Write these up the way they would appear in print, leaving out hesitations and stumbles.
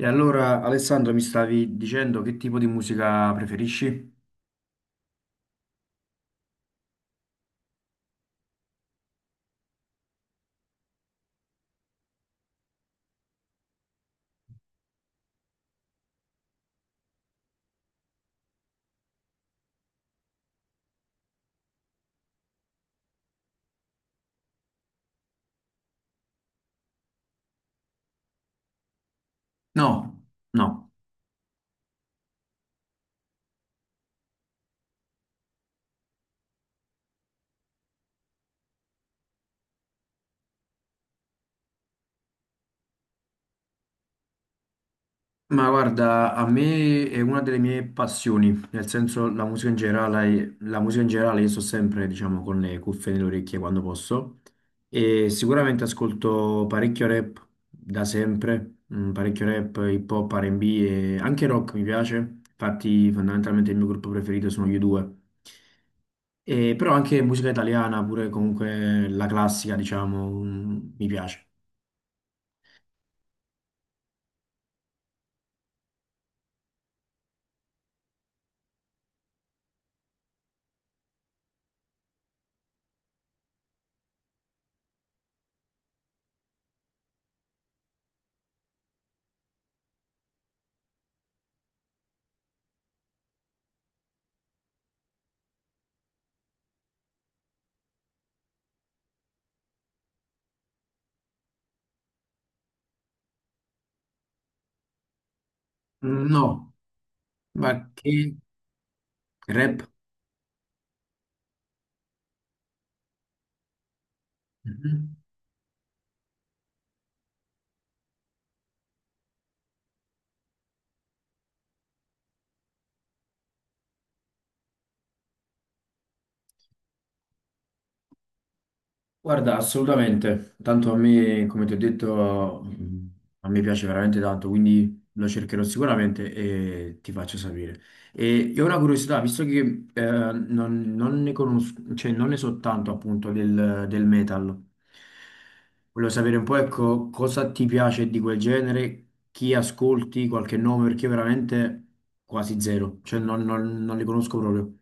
E allora, Alessandro, mi stavi dicendo che tipo di musica preferisci? No, no. Ma guarda, a me è una delle mie passioni, nel senso la musica in generale, la musica in generale io sto sempre, diciamo, con le cuffie nelle orecchie quando posso e sicuramente ascolto parecchio rap da sempre, parecchio rap, hip hop, R&B e anche rock mi piace, infatti fondamentalmente il mio gruppo preferito sono gli due e, però anche musica italiana, pure comunque la classica, diciamo, mi piace. Mm, no, ma che rap? Mhm. Guarda, assolutamente, tanto a me, come ti ho detto, a me piace veramente tanto, quindi lo cercherò sicuramente e ti faccio sapere. E ho una curiosità, visto che non ne conosco, cioè non ne so tanto appunto del metal, volevo sapere un po' ecco cosa ti piace di quel genere, chi ascolti, qualche nome, perché io veramente quasi zero, cioè non li conosco proprio,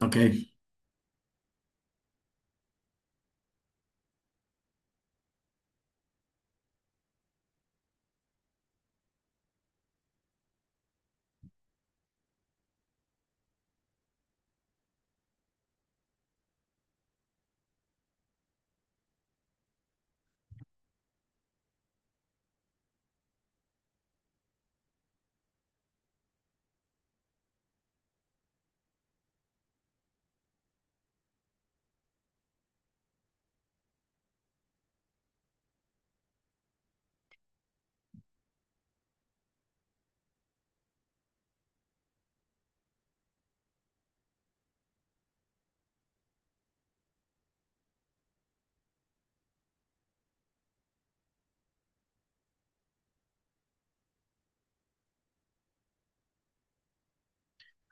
ok?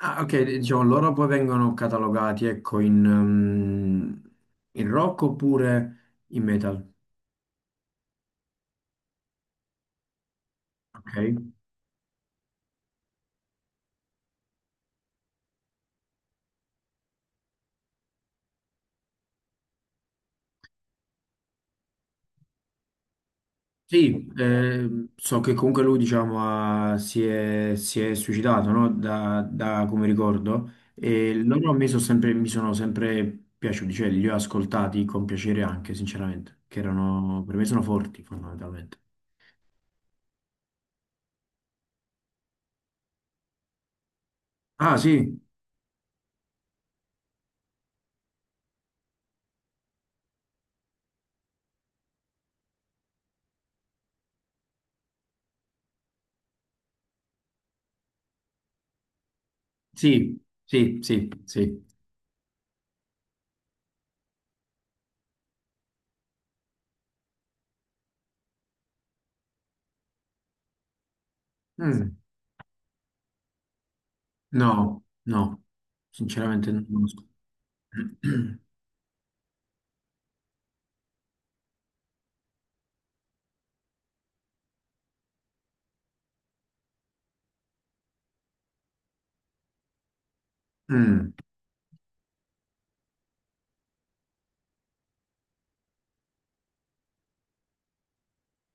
Ah, ok, diciamo, loro poi vengono catalogati, ecco, in rock oppure in metal, ok? Sì, so che comunque lui, diciamo, si è suicidato, no? Da come ricordo, e loro a me sono sempre, mi sono sempre piaciuti, cioè li ho ascoltati con piacere anche, sinceramente, che erano, per me sono forti, fondamentalmente. Ah, sì, sì, sì, sì, sì. Mm, no, no, sinceramente non lo conosco. Mm.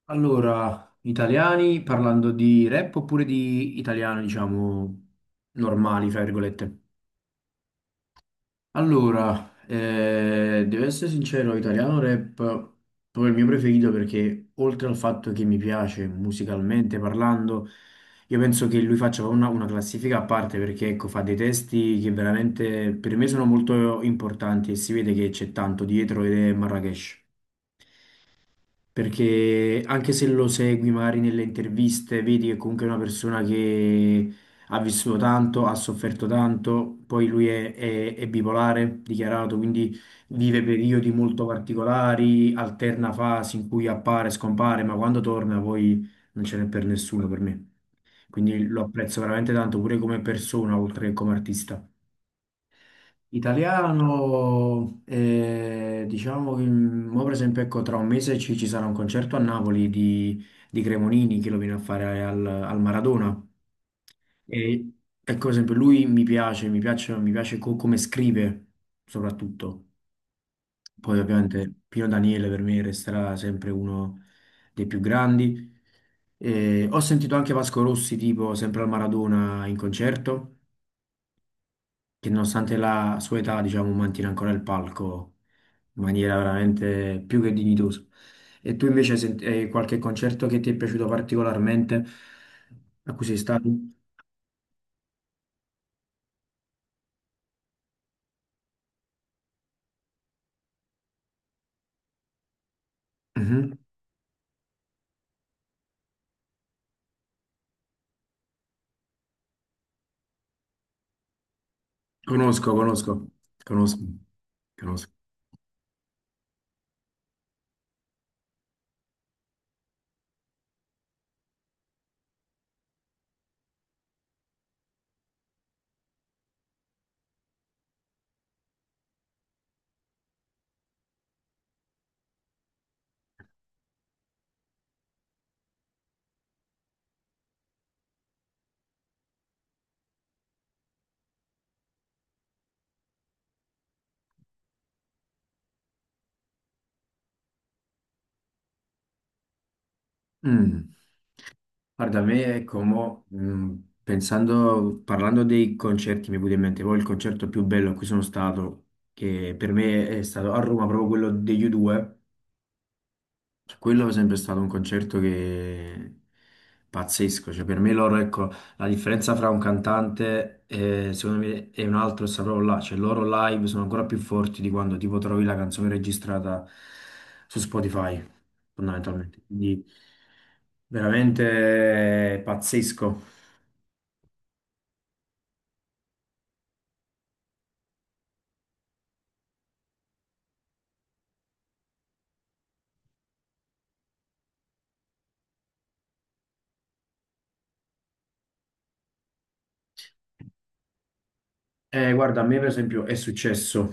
Allora, italiani parlando di rap oppure di italiano, diciamo, normali, fra virgolette. Allora, devo essere sincero, italiano rap è proprio il mio preferito perché oltre al fatto che mi piace musicalmente parlando, io penso che lui faccia una classifica a parte perché ecco, fa dei testi che veramente per me sono molto importanti e si vede che c'è tanto dietro ed è Marrakesh. Perché anche se lo segui magari nelle interviste, vedi che comunque è una persona che ha vissuto tanto, ha sofferto tanto, poi lui è bipolare, dichiarato, quindi vive periodi molto particolari, alterna fasi in cui appare, scompare, ma quando torna poi non ce n'è per nessuno per me. Quindi lo apprezzo veramente tanto pure come persona, oltre che come artista. Italiano, diciamo che mo per esempio ecco, tra un mese ci sarà un concerto a Napoli di Cremonini che lo viene a fare al Maradona. E ecco, per esempio, lui mi piace come scrive soprattutto. Poi ovviamente Pino Daniele per me resterà sempre uno dei più grandi. Ho sentito anche Vasco Rossi tipo sempre al Maradona in concerto che nonostante la sua età, diciamo, mantiene ancora il palco in maniera veramente più che dignitosa. E tu invece hai qualche concerto che ti è piaciuto particolarmente, a cui sei stato? Mhm. Conosco, conosco, conosco, conosco. Mm. Guarda, a me, ecco, mo, pensando, parlando dei concerti, mi è venuto in mente poi il concerto più bello a cui sono stato, che per me è stato a Roma, proprio quello degli U2. Cioè, quello è sempre stato un concerto che pazzesco, cioè per me loro, ecco, la differenza fra un cantante e, secondo me e un altro sta proprio là, cioè loro live sono ancora più forti di quando tipo trovi la canzone registrata su Spotify, fondamentalmente, quindi veramente pazzesco. Guarda, a me per esempio è successo,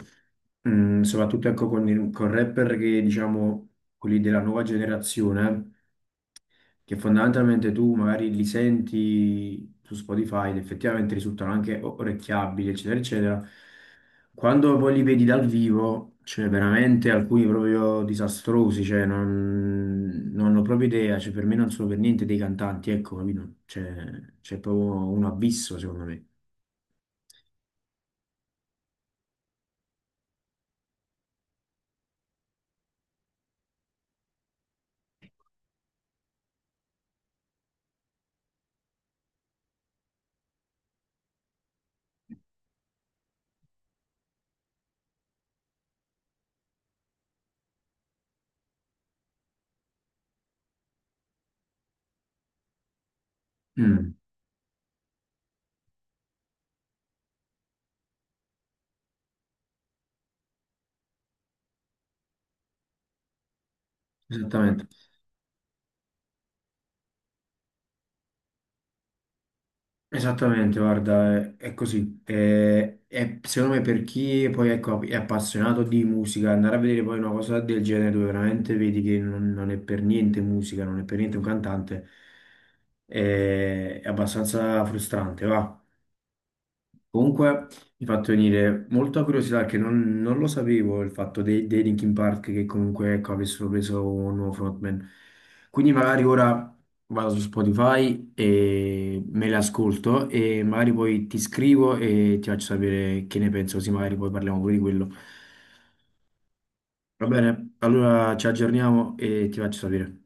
soprattutto ecco con rapper che diciamo quelli della nuova generazione. Che fondamentalmente tu magari li senti su Spotify ed effettivamente risultano anche orecchiabili, eccetera, eccetera. Quando poi li vedi dal vivo, cioè veramente alcuni proprio disastrosi, cioè non ho proprio idea, cioè per me non sono per niente dei cantanti, ecco, capito? Cioè, c'è proprio un abisso, secondo me. Mm, esattamente. Esattamente, guarda, è così. È secondo me per chi poi ecco, è appassionato di musica, andare a vedere poi una cosa del genere dove veramente vedi che non è per niente musica, non è per niente un cantante, è abbastanza frustrante, va. Comunque mi ha fatto venire molta curiosità che non, non lo sapevo il fatto dei Linkin Park che comunque ecco, avessero preso un nuovo frontman. Quindi magari ora vado su Spotify e me le ascolto e magari poi ti scrivo e ti faccio sapere che ne penso, così magari poi parliamo pure di quello. Va bene, allora ci aggiorniamo e ti faccio sapere.